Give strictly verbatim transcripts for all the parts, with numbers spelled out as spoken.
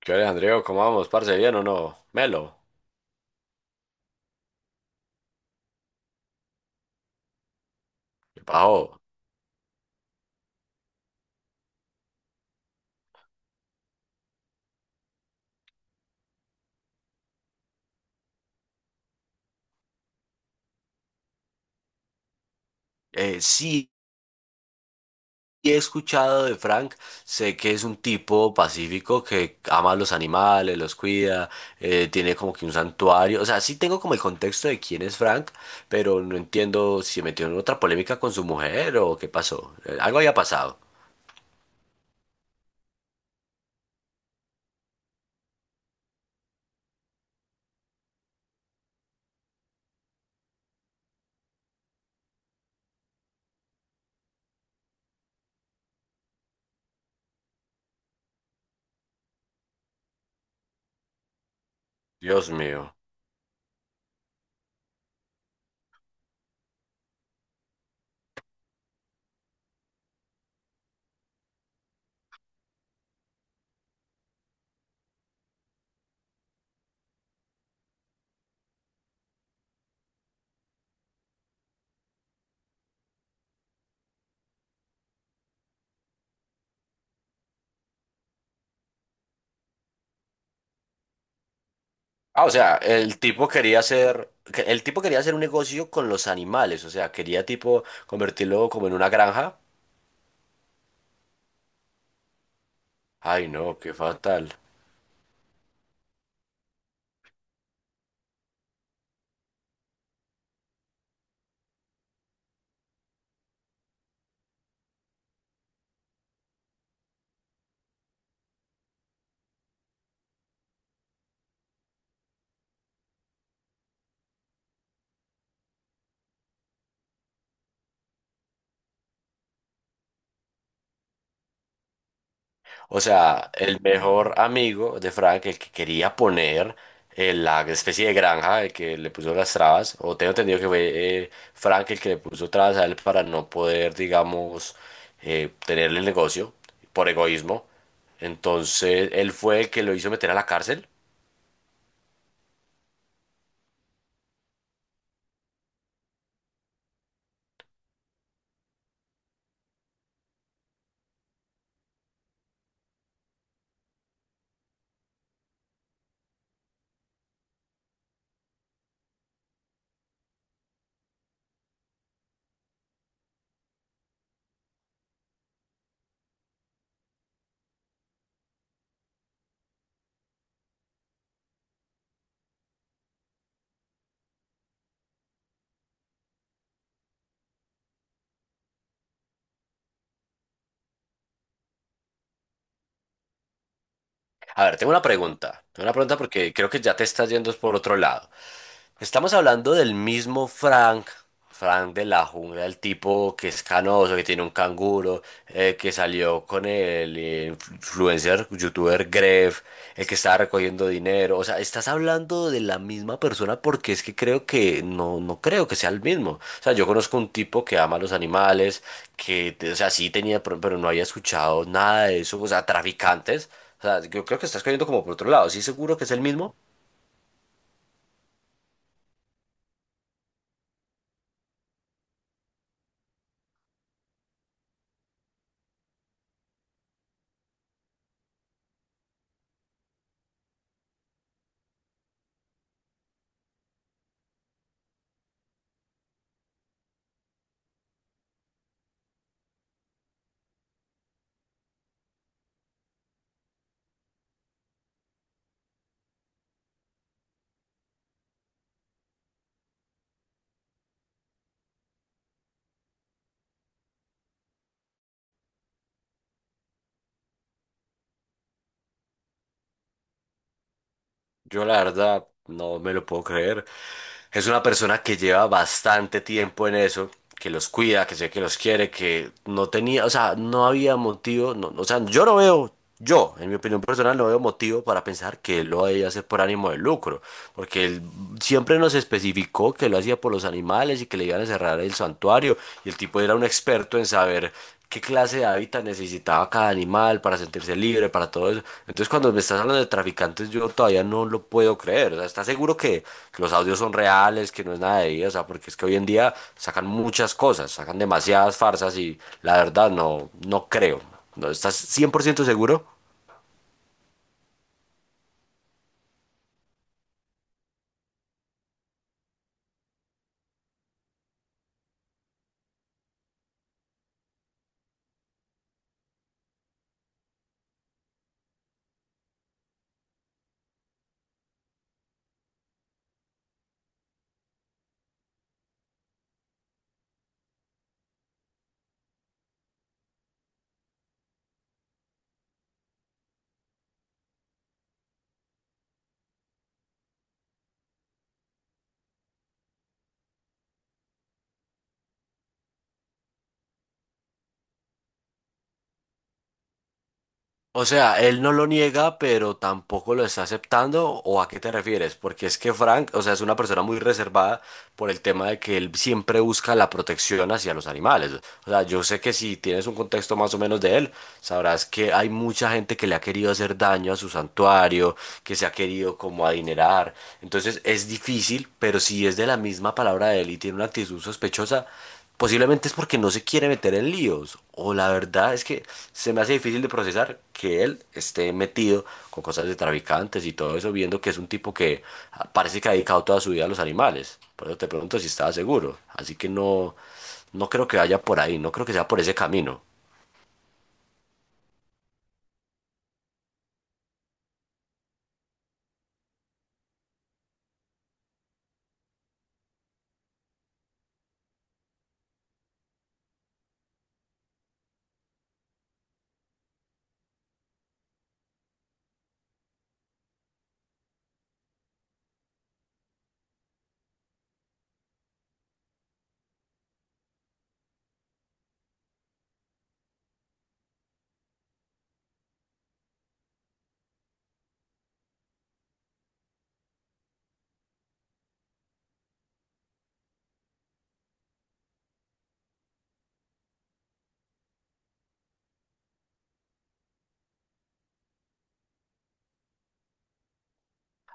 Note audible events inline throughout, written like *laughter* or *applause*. ¿Qué hora, Andreo? ¿Cómo vamos, parce? ¿Bien o no? Melo, ¿qué pasó? Eh, sí, he escuchado de Frank, sé que es un tipo pacífico que ama a los animales, los cuida, eh, tiene como que un santuario. O sea, sí tengo como el contexto de quién es Frank, pero no entiendo si se metió en otra polémica con su mujer o qué pasó. Eh, algo había pasado. Dios mío. Ah, o sea, el tipo quería hacer, que- el tipo quería hacer un negocio con los animales, o sea, quería tipo convertirlo como en una granja. Ay, no, qué fatal. O sea, el mejor amigo de Frank, el que quería poner eh, la especie de granja, el que le puso las trabas, o tengo entendido que fue eh, Frank el que le puso trabas a él para no poder, digamos, eh, tenerle el negocio por egoísmo. Entonces, él fue el que lo hizo meter a la cárcel. A ver, tengo una pregunta. Tengo una pregunta porque creo que ya te estás yendo por otro lado. Estamos hablando del mismo Frank, Frank de la Jungla, el tipo que es canoso, que tiene un canguro, eh, que salió con el influencer, youtuber Gref, el que estaba recogiendo dinero. O sea, estás hablando de la misma persona porque es que creo que no, no creo que sea el mismo. O sea, yo conozco un tipo que ama a los animales, que, te- o sea, sí tenía, pro- pero no había escuchado nada de eso. O sea, traficantes. O sea, yo creo que estás cayendo como por otro lado. Sí, seguro que es el mismo. Yo la verdad no me lo puedo creer. Es una persona que lleva bastante tiempo en eso, que los cuida, que sé que los quiere, que no tenía, o sea, no había motivo, no, o sea, yo no veo, yo, en mi opinión personal, no veo motivo para pensar que él lo haya hacer por ánimo de lucro, porque él siempre nos especificó que lo hacía por los animales y que le iban a cerrar el santuario, y el tipo era un experto en saber qué clase de hábitat necesitaba cada animal para sentirse libre, para todo eso. Entonces, cuando me estás hablando de traficantes, yo todavía no lo puedo creer. O sea, ¿estás seguro que, que los audios son reales, que no es nada de ahí? O sea, porque es que hoy en día sacan muchas cosas, sacan demasiadas farsas y la verdad no, no creo. ¿No estás cien por ciento seguro? O sea, él no lo niega, pero tampoco lo está aceptando. ¿O a qué te refieres? Porque es que Frank, o sea, es una persona muy reservada por el tema de que él siempre busca la protección hacia los animales. O sea, yo sé que si tienes un contexto más o menos de él, sabrás que hay mucha gente que le ha querido hacer daño a su santuario, que se ha querido como adinerar. Entonces es difícil, pero si es de la misma palabra de él y tiene una actitud sospechosa, posiblemente es porque no se quiere meter en líos. O la verdad es que se me hace difícil de procesar que él esté metido con cosas de traficantes y todo eso, viendo que es un tipo que parece que ha dedicado toda su vida a los animales. Por eso te pregunto si estaba seguro. Así que no, no creo que vaya por ahí, no creo que sea por ese camino.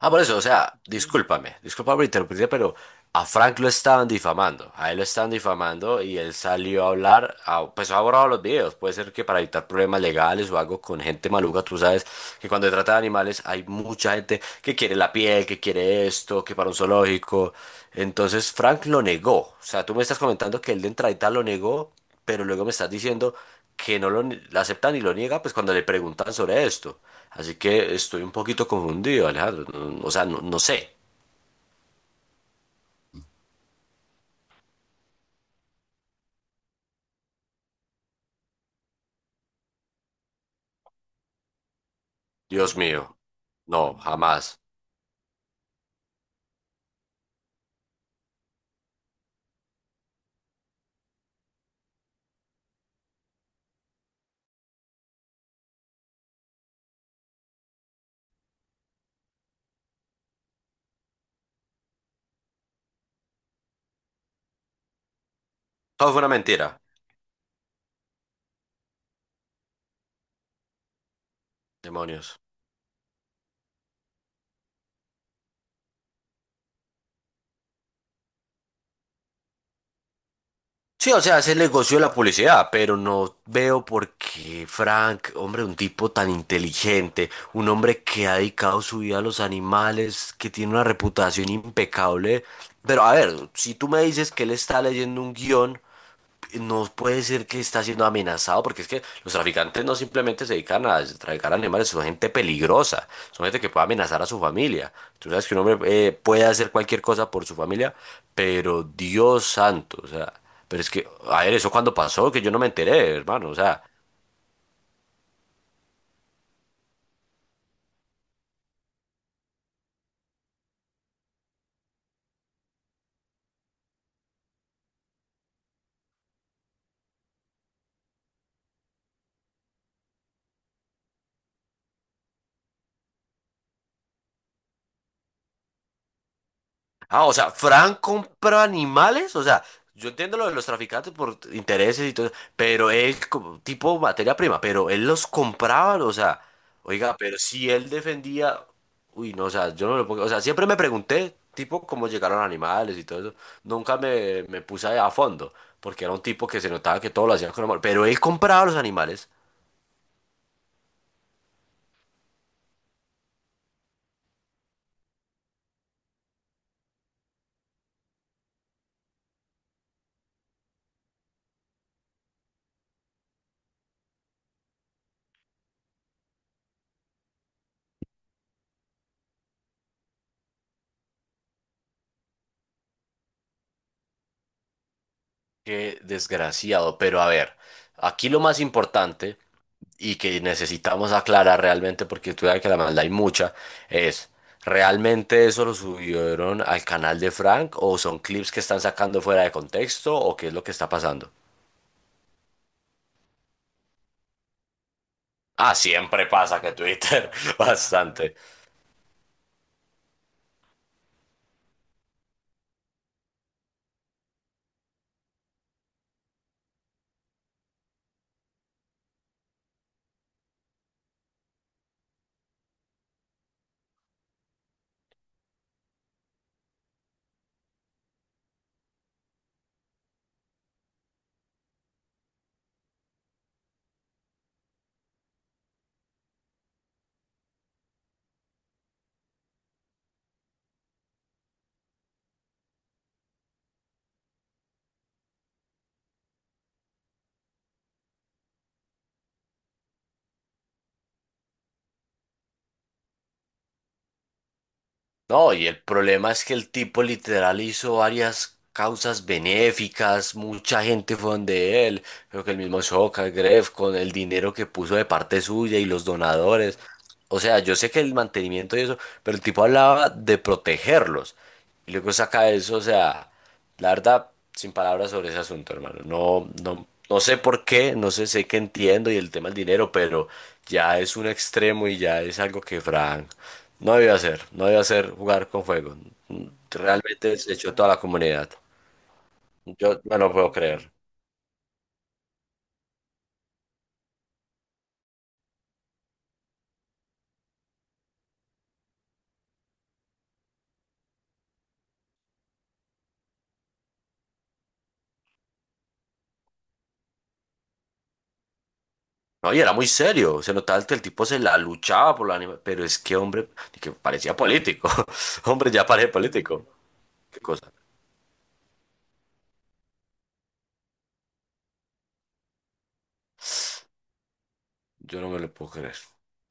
Ah, por eso, o sea, discúlpame, disculpa por interrumpirte, pero a Frank lo estaban difamando, a él lo estaban difamando y él salió a hablar, a- pues ha borrado los videos, puede ser que para evitar problemas legales o algo con gente maluca. Tú sabes que cuando se trata de animales hay mucha gente que quiere la piel, que quiere esto, que para un zoológico, entonces Frank lo negó, o sea, tú me estás comentando que él de entradita lo negó, pero luego me estás diciendo que no lo, ni- la acepta ni lo niega, pues cuando le preguntan sobre esto. Así que estoy un poquito confundido, Alejandro. No- no, O sea, no, no sé. Dios mío. No, jamás. Todo fue una mentira. Demonios. Sí, o sea, es el negocio de la publicidad, pero no veo por qué Frank, hombre, un tipo tan inteligente, un hombre que ha dedicado su vida a los animales, que tiene una reputación impecable. Pero a ver, si tú me dices que él está leyendo un guión no puede decir que está siendo amenazado, porque es que los traficantes no simplemente se dedican a traficar animales, son gente peligrosa, son gente que puede amenazar a su familia. Tú sabes que un hombre eh, puede hacer cualquier cosa por su familia, pero Dios santo, o sea, pero es que, a ver, eso cuando pasó, que yo no me enteré, hermano, o sea, ah, o sea, Fran compra animales, o sea, yo entiendo lo de los traficantes por intereses y todo, pero él, como tipo materia prima, pero él los compraba, o sea, oiga, pero si él defendía, uy, no, o sea, yo no lo pongo, o sea, siempre me pregunté, tipo, cómo llegaron animales y todo eso, nunca me, me puse a fondo, porque era un tipo que se notaba que todo lo hacía con amor, pero él compraba los animales, qué desgraciado. Pero a ver, aquí lo más importante y que necesitamos aclarar realmente, porque tú sabes que la maldad hay mucha, es, ¿realmente eso lo subieron al canal de Frank o son clips que están sacando fuera de contexto o qué es lo que está pasando? Ah, siempre pasa que Twitter, *laughs* bastante. No, y el problema es que el tipo literal hizo varias causas benéficas, mucha gente fue donde él, creo que el mismo Soca, Gref, con el dinero que puso de parte suya y los donadores. O sea, yo sé que el mantenimiento y eso, pero el tipo hablaba de protegerlos. Y luego saca eso, o sea, la verdad, sin palabras sobre ese asunto, hermano. No, no, no sé por qué, no sé, sé que entiendo y el tema del dinero, pero ya es un extremo y ya es algo que Frank no debe hacer, no debe hacer jugar con fuego. Realmente desechó toda la comunidad. Yo, yo no puedo creer. No, y era muy serio, se notaba que el tipo se la luchaba por la anima, pero es que hombre, que parecía político. *laughs* Hombre, ya parece político. Qué cosa. Yo no me lo puedo creer.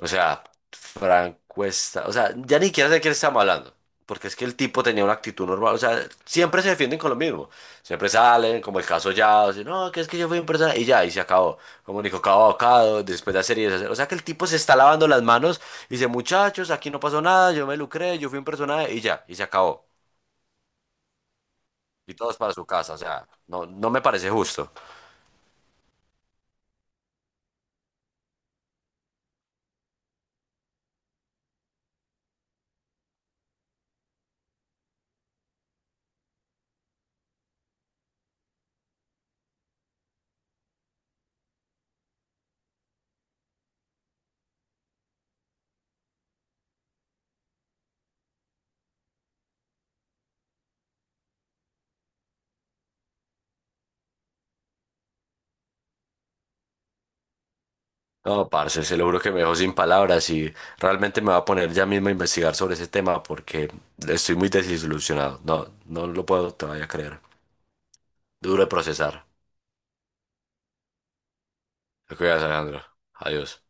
O sea, Frank Cuesta, o sea, ya ni siquiera sé de quién estamos hablando, porque es que el tipo tenía una actitud normal, o sea, siempre se defienden con lo mismo, siempre salen, como el caso ya, o sea, no, que es que yo fui un persona, y ya, y se acabó, como Nico Cabo Abocado, después de hacer y deshacer, o sea, que el tipo se está lavando las manos, y dice, muchachos, aquí no pasó nada, yo me lucré, yo fui un personaje, y ya, y se acabó, y todos para su casa, o sea, no, no me parece justo. No, parce, se lo juro que me dejó sin palabras y realmente me va a poner ya mismo a investigar sobre ese tema porque estoy muy desilusionado. No, no lo puedo todavía creer. Duro de procesar. Te cuidas, Alejandro. Adiós.